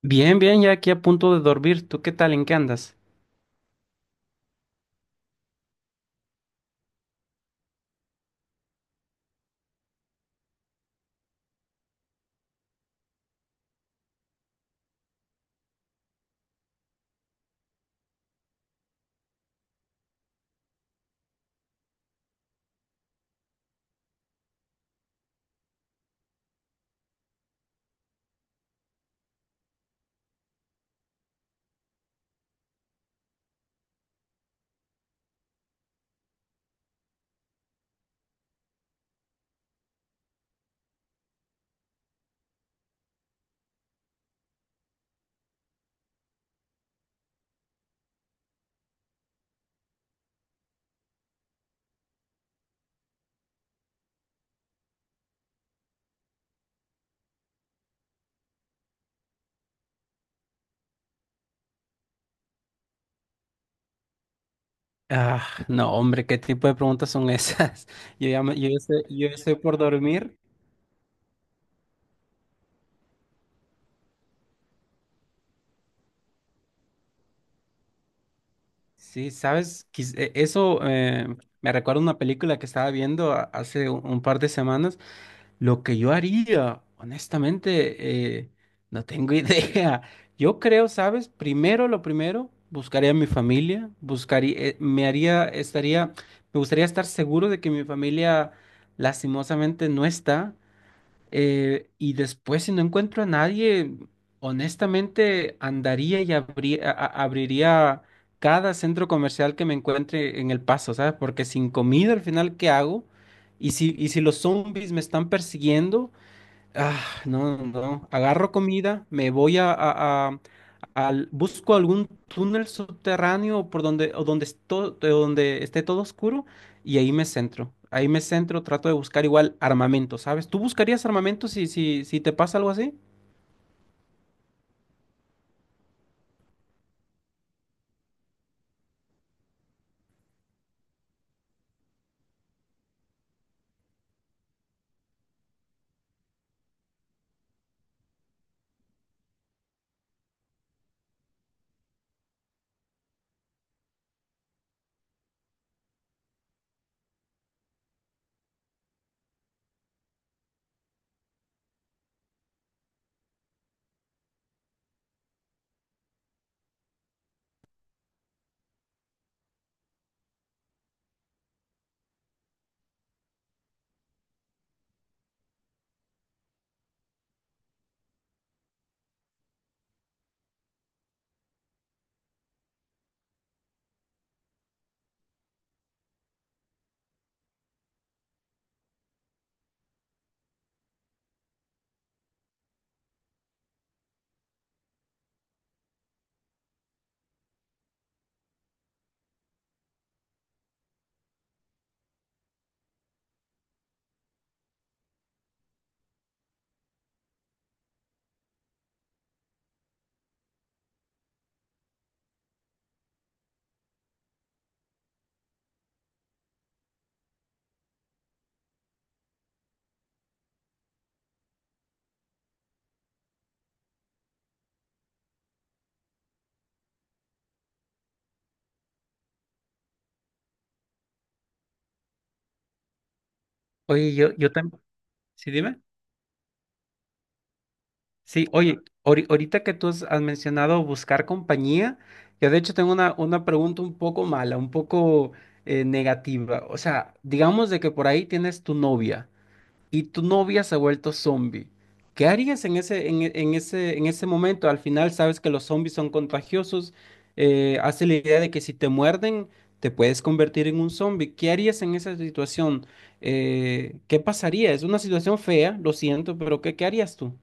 Bien, bien, ya aquí a punto de dormir. ¿Tú qué tal? ¿En qué andas? Ah, no, hombre, ¿qué tipo de preguntas son esas? Yo ya estoy por dormir. Sí, sabes, eso me recuerda a una película que estaba viendo hace un par de semanas. Lo que yo haría, honestamente, no tengo idea. Yo creo, ¿sabes? Primero, lo primero, buscaría a mi familia, buscaría, me gustaría estar seguro de que mi familia lastimosamente no está. Y después, si no encuentro a nadie, honestamente andaría y abriría cada centro comercial que me encuentre en El Paso, ¿sabes? Porque sin comida al final, ¿qué hago? Y si los zombies me están persiguiendo, ah, no, no, no. Agarro comida, me voy a- al, busco algún túnel subterráneo por donde, o donde, de donde esté todo oscuro y ahí me centro. Ahí me centro, trato de buscar igual armamento, ¿sabes? ¿Tú buscarías armamento si te pasa algo así? Oye, yo también. Sí, dime. Sí, oye, ahorita que tú has mencionado buscar compañía, yo de hecho tengo una pregunta un poco mala, un poco negativa. O sea, digamos de que por ahí tienes tu novia y tu novia se ha vuelto zombie. ¿Qué harías en ese, en, e- en ese momento? Al final sabes que los zombies son contagiosos, hace la idea de que si te muerden, te puedes convertir en un zombie. ¿Qué harías en esa situación? ¿Qué pasaría? Es una situación fea, lo siento, pero ¿qué, qué harías tú?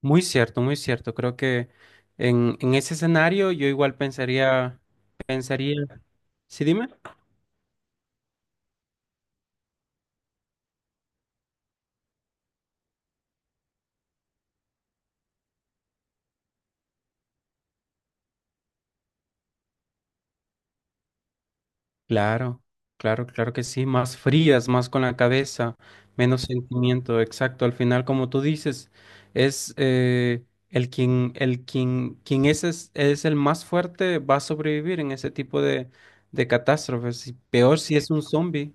Muy cierto, muy cierto. Creo que en ese escenario yo igual pensaría, pensaría, ¿sí, dime? Claro, claro, claro que sí, más frías, más con la cabeza, menos sentimiento, exacto. Al final, como tú dices, es el quien, quien es el más fuerte, va a sobrevivir en ese tipo de catástrofes. Y peor si es un zombie.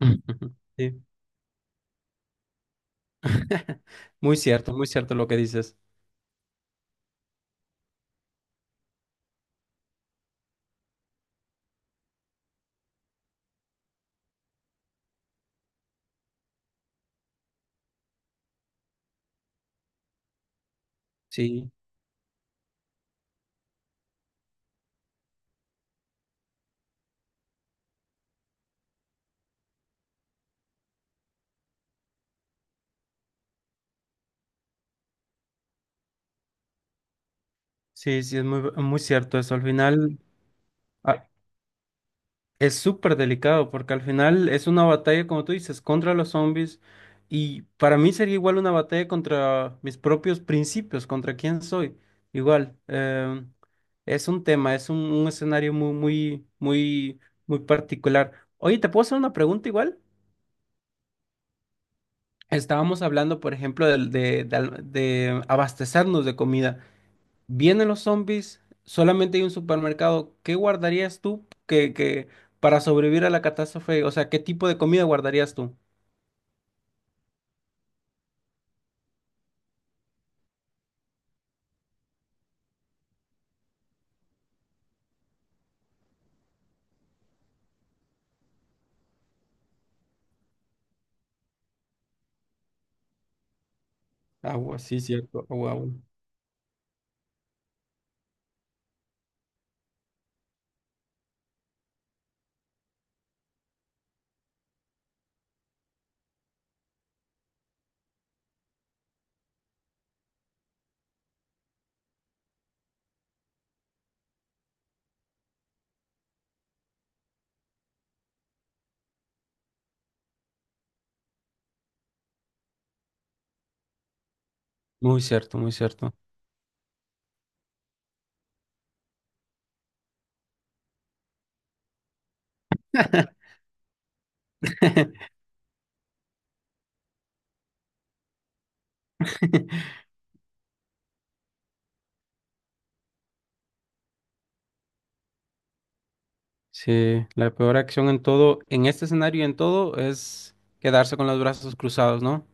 Sí. Muy cierto lo que dices. Sí, sí, sí, es muy, muy cierto eso. Al final, a- es súper delicado porque al final es una batalla, como tú dices, contra los zombies, y para mí sería igual una batalla contra mis propios principios, contra quién soy. Igual, es un tema, es un escenario muy particular. Oye, ¿te puedo hacer una pregunta igual? Estábamos hablando, por ejemplo, de de abastecernos de comida. Vienen los zombies, solamente hay un supermercado. ¿Qué guardarías tú que para sobrevivir a la catástrofe? O sea, ¿qué tipo de comida guardarías tú? Agua, sí, cierto, agua, agua. Muy cierto, muy cierto. Sí, la peor acción en todo, en este escenario y en todo, es quedarse con los brazos cruzados, ¿no?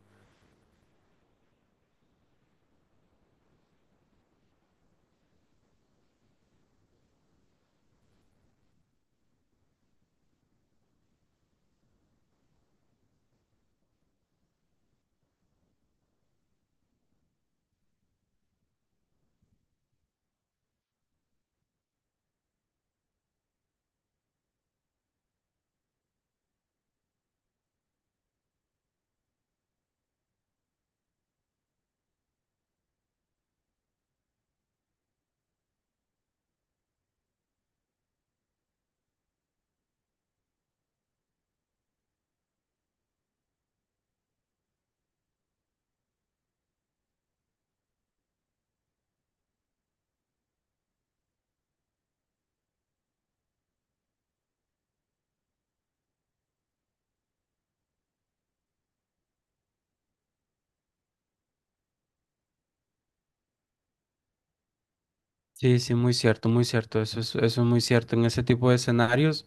Sí, sí, muy cierto, muy cierto. Eso es muy cierto. En ese tipo de escenarios.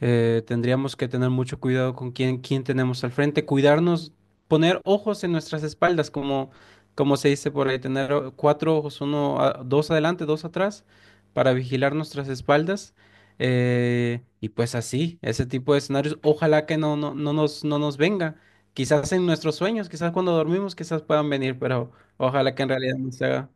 Tendríamos que tener mucho cuidado con quién, quién tenemos al frente, cuidarnos, poner ojos en nuestras espaldas, como, como se dice por ahí, tener cuatro ojos, uno, dos adelante, dos atrás, para vigilar nuestras espaldas. Y pues así, ese tipo de escenarios, ojalá que no no nos venga. Quizás en nuestros sueños, quizás cuando dormimos, quizás puedan venir, pero ojalá que en realidad no se haga.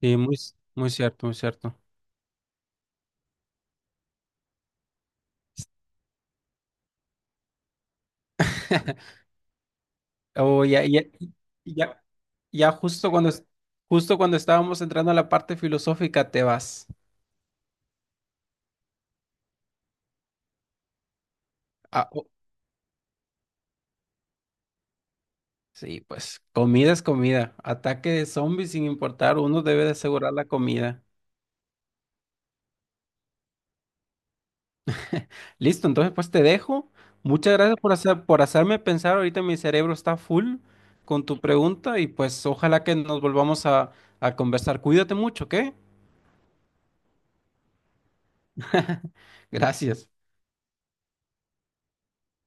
Sí, muy, muy cierto, muy cierto. Oh, ya, ya, ya, ya justo cuando, justo cuando estábamos entrando a la parte filosófica te vas. Ah, oh, sí, pues comida es comida. Ataque de zombies sin importar, uno debe de asegurar la comida. Listo, entonces pues te dejo. Muchas gracias por hacer, por hacerme pensar. Ahorita mi cerebro está full con tu pregunta y pues ojalá que nos volvamos a conversar. Cuídate mucho, ¿ok? Gracias.